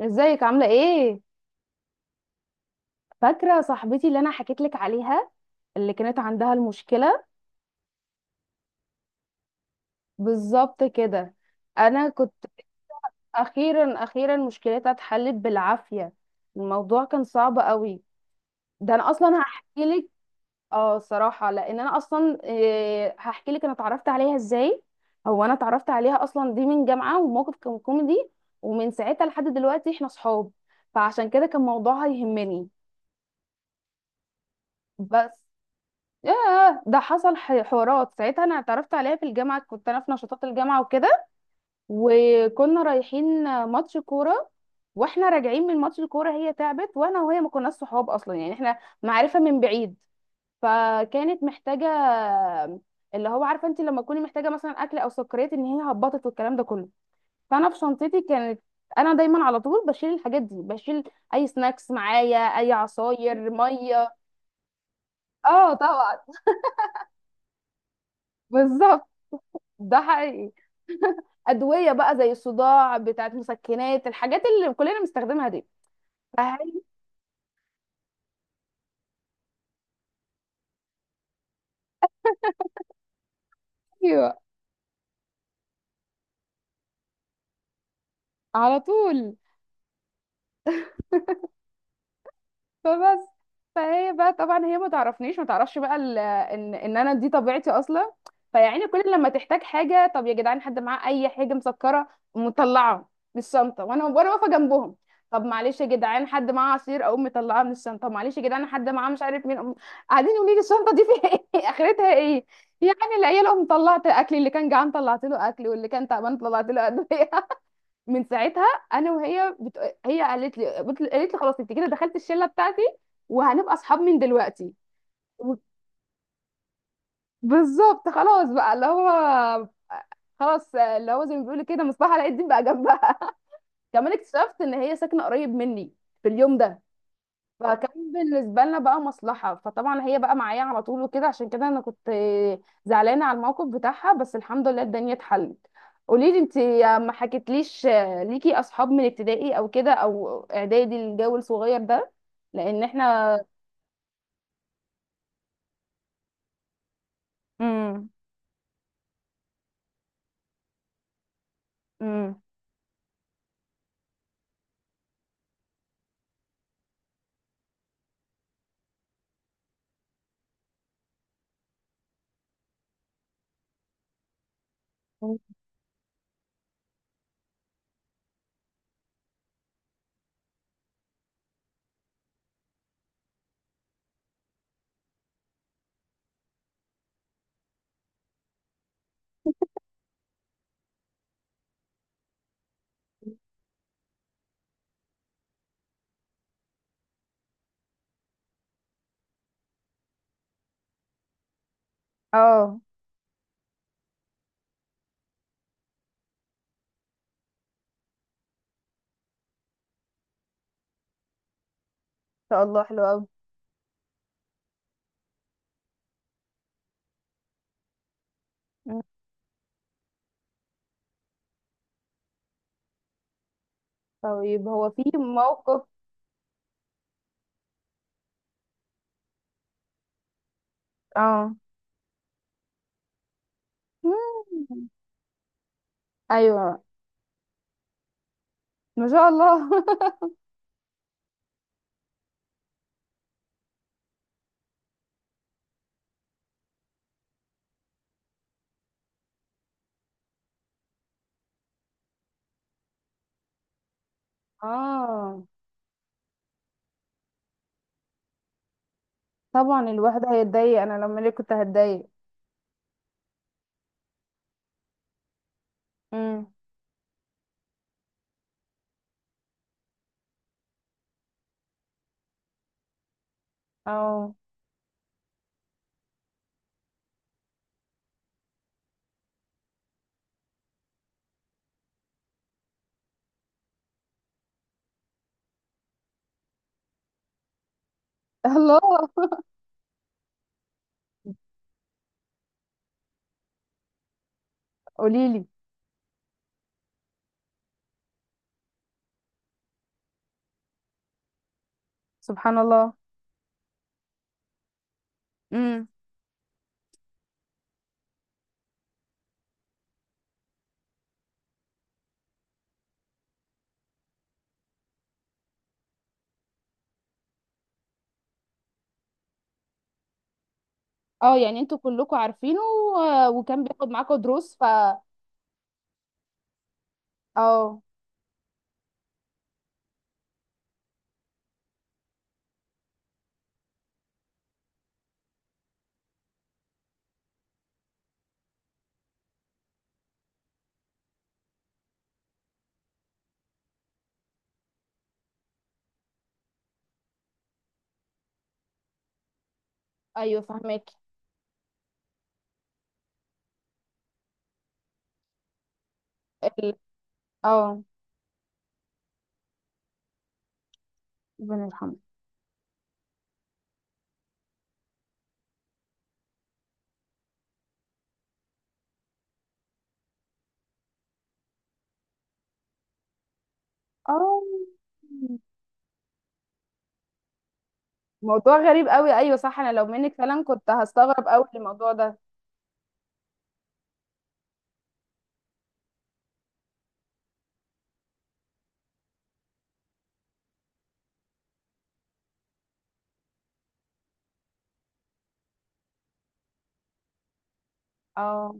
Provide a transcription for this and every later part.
ازيك عاملة ايه؟ فاكرة صاحبتي اللي انا حكيت لك عليها، اللي كانت عندها المشكلة. بالظبط كده. انا كنت... اخيرا اخيرا مشكلتها اتحلت بالعافية. الموضوع كان صعب قوي. ده انا اصلا هحكي لك. اه، صراحة لان انا اصلا إيه هحكي لك انا اتعرفت عليها ازاي. هو انا اتعرفت عليها اصلا دي من جامعة، وموقف كان كوميدي، ومن ساعتها لحد دلوقتي احنا صحاب، فعشان كده كان موضوعها يهمني. بس ياه، ده حصل حوارات. ساعتها انا اتعرفت عليها في الجامعه، كنت انا في نشاطات الجامعه وكده. وكنا رايحين ماتش كوره، واحنا راجعين من ماتش الكوره هي تعبت. وانا وهي ما كناش صحاب اصلا، يعني احنا معرفه من بعيد. فكانت محتاجه اللي هو عارفه انت لما تكوني محتاجه مثلا اكل او سكريات، ان هي هبطت والكلام ده كله. فانا في شنطتي كانت... انا دايما على طول بشيل الحاجات دي، بشيل اي سناكس معايا، اي عصاير، ميه. اه طبعا. بالظبط. ده حقيقي. ادويه بقى زي الصداع، بتاعت مسكنات، الحاجات اللي كلنا بنستخدمها دي. ايوه، على طول. فبس. فهي بقى طبعا هي ما تعرفنيش، ما تعرفش بقى ان انا دي طبيعتي اصلا. فيعني كل لما تحتاج حاجه: طب يا جدعان حد معاه اي حاجه مسكره؟ مطلعه من الشنطه وانا واقفه جنبهم. طب معلش يا جدعان حد معاه عصير؟ اقوم مطلعاه من الشنطه. طب معلش يا جدعان حد معاه مش عارف مين؟ قاعدين يقولوا لي الشنطه دي فيها ايه اخرتها ايه؟ يعني العيال، قوم طلعت اكل، اللي كان جعان طلعت له اكل، واللي كان تعبان طلعت له ادويه. من ساعتها، انا وهي بت... هي قالت لي بت... قالت لي خلاص انت كده دخلت الشله بتاعتي، وهنبقى اصحاب من دلوقتي. و- بالظبط، خلاص بقى اللي هو... خلاص اللي هو زي ما بيقولوا كده، مصباح علاء الدين بقى جنبها. كمان اكتشفت ان هي ساكنه قريب مني في اليوم ده. فكان بالنسبه لنا بقى مصلحه، فطبعا هي بقى معايا على طول وكده. عشان كده انا كنت زعلانه على الموقف بتاعها، بس الحمد لله الدنيا اتحلت. قولي لي انت، ما حكيتليش ليكي اصحاب من ابتدائي او كده او اعدادي، الجو الصغير ده؟ لان احنا... امم امم اه، ان شاء الله حلو قوي. أمم. طيب، هو في موقف... اه. مم. ايوه، ما شاء الله. اه طبعا، الواحد هيتضايق، انا لما ليه كنت هتضايق. امم. اه. الله. قولي لي. سبحان الله. امم. اه، يعني انتوا كلكم عارفينه، وكان بياخد معاكم دروس ف... اه. ايوه فهمك. ال... اه. ربنا يرحمه. اه، موضوع غريب قوي. ايوه صح، انا لو منك فعلا كنت هستغرب قوي الموضوع ده. اه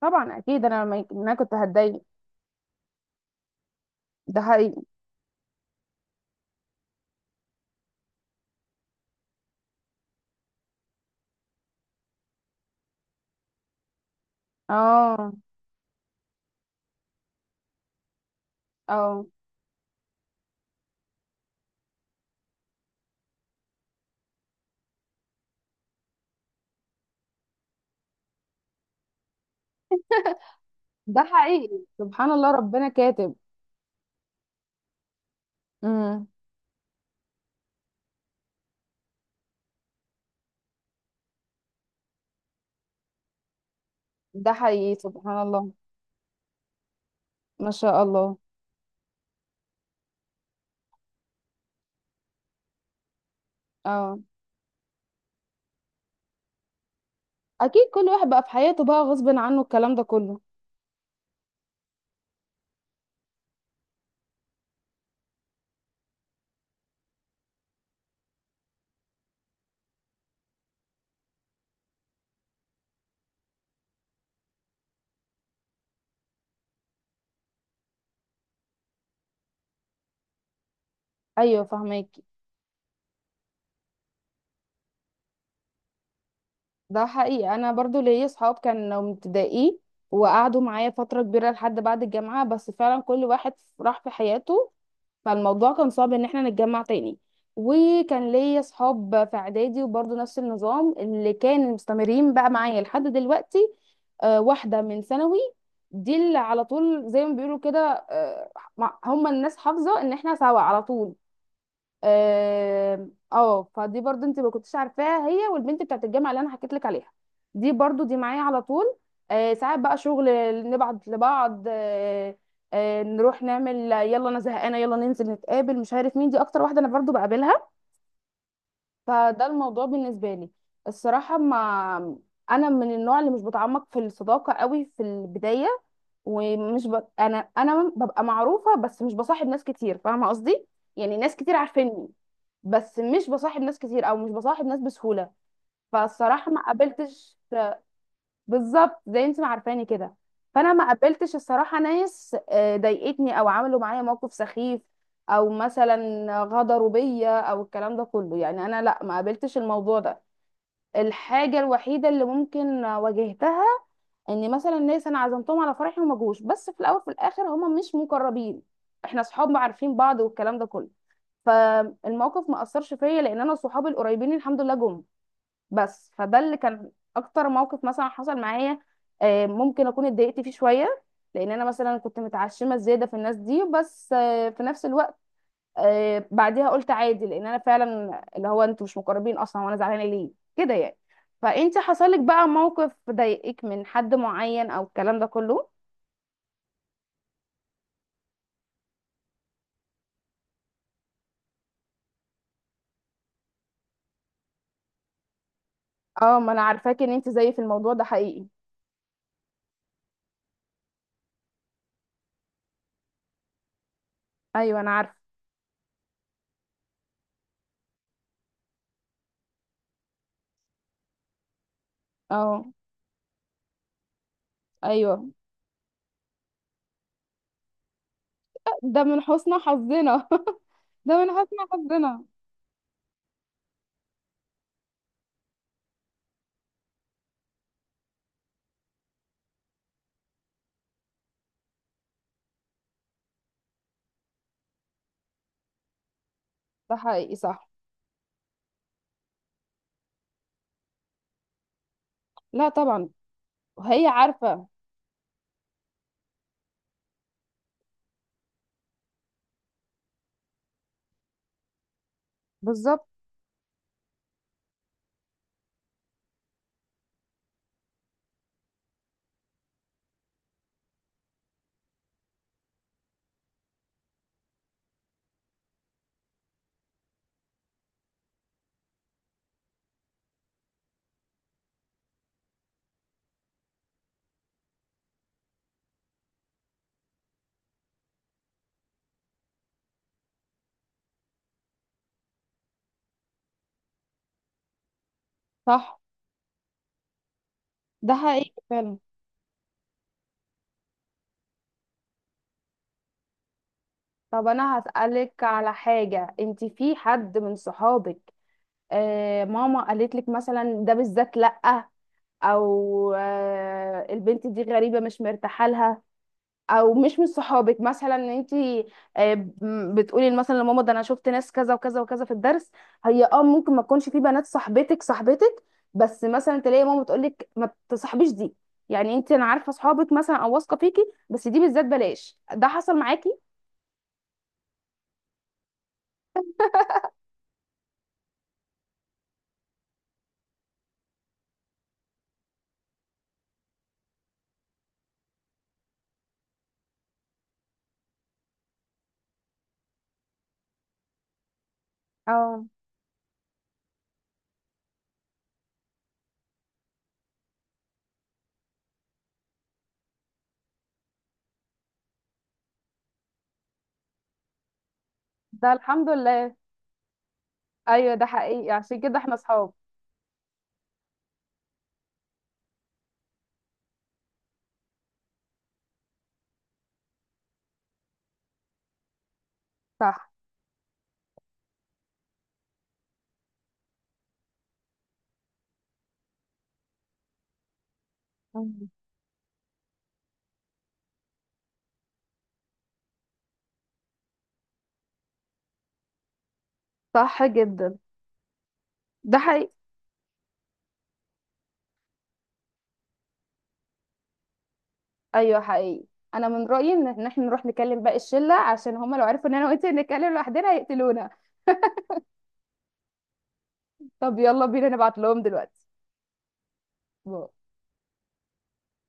طبعا، اكيد انا ما انا كنت هتضايق. ده حقيقي. اه. اه، ده حقيقي. سبحان الله ربنا كاتب. امم. ده حقيقي، سبحان الله. ما شاء الله. اه، اكيد كل واحد بقى في حياته بقى غصب عنه الكلام ده كله. ايوه فهماكي. ده حقيقي، انا برضو ليا صحاب كانوا من ابتدائي وقعدوا معايا فتره كبيره لحد بعد الجامعه، بس فعلا كل واحد راح في حياته. فالموضوع كان صعب ان احنا نتجمع تاني. وكان ليا صحاب في اعدادي وبرضو نفس النظام اللي كانوا مستمرين بقى معايا لحد دلوقتي. آه، واحده من ثانوي دي اللي على طول زي ما بيقولوا كده. آه، هم الناس حافظه ان احنا سوا على طول. اه. آه، فدي برضو انت ما كنتش عارفاها، هي والبنت بتاعت الجامعه اللي انا حكيت لك عليها. دي برضو دي معايا على طول. آه، ساعات بقى شغل نبعت لبعض. آه. آه، نروح نعمل، يلا انا زهقانه يلا ننزل نتقابل مش عارف مين، دي اكتر واحده انا برضو بقابلها. فده الموضوع بالنسبه لي. الصراحه، ما... انا من النوع اللي مش بتعمق في الصداقه قوي في البدايه. ومش ب... انا انا ببقى معروفه بس مش بصاحب ناس كتير، فاهمه قصدي. يعني ناس كتير عارفيني، بس مش بصاحب ناس كتير او مش بصاحب ناس بسهوله. فالصراحه ما قابلتش... بالظبط زي انت ما عارفاني كده. فانا ما قابلتش الصراحه ناس آه، ضايقتني او عملوا معايا موقف سخيف، او مثلا غدروا بيا او الكلام ده كله. يعني انا لا، ما قابلتش الموضوع ده. الحاجه الوحيده اللي ممكن واجهتها، ان مثلا ناس انا عزمتهم على فرحي وما جوش، بس في الاول في الاخر هما مش مقربين، احنا اصحاب عارفين بعض والكلام ده كله. فالموقف ما اثرش فيا لان انا صحابي القريبين الحمد لله جم. بس فده اللي كان اكتر موقف مثلا حصل معايا. آه، ممكن اكون اتضايقت فيه شويه، لان انا مثلا كنت متعشمه زياده في الناس دي، بس آه، في نفس الوقت آه، بعدها قلت عادي لان انا فعلا اللي هو انتوا مش مقربين اصلا، وانا زعلانه ليه كده يعني. فانت حصل لك بقى موقف ضايقك من حد معين او الكلام ده كله؟ اه. ما انا عارفاك ان انت زيي في الموضوع ده، حقيقي. ايوه انا عارفه. اه. ايوه، ده من حسن حظنا. ده من حسن حظنا. ده حقيقي صح. لا طبعا. وهي عارفة. بالظبط. صح. ده حقيقي فعلا. طب انا هسألك على حاجة، انت في حد من صحابك آه ماما قالت لك مثلا ده بالذات لأ، او آه البنت دي غريبة مش مرتاحة لها، او مش من صحابك مثلا ان انت بتقولي مثلا لماما ده انا شفت ناس كذا وكذا وكذا في الدرس، هي اه ممكن ما تكونش في بنات صاحبتك صاحبتك، بس مثلا تلاقي ماما تقول لك ما تصاحبيش دي؟ يعني انت انا عارفه صحابك مثلا او واثقه فيكي بس دي بالذات بلاش. ده حصل معاكي؟ اه، ده الحمد لله. ايوه ده حقيقي، عشان كده احنا اصحاب. صح. مم. صح جدا. ده حقيقي. ايوه حقيقي. انا من رايي ان احنا نروح نكلم باقي الشله، عشان هما لو عرفوا ان انا وانت نتكلم لوحدنا هيقتلونا. طب يلا بينا نبعت لهم دلوقتي. باي.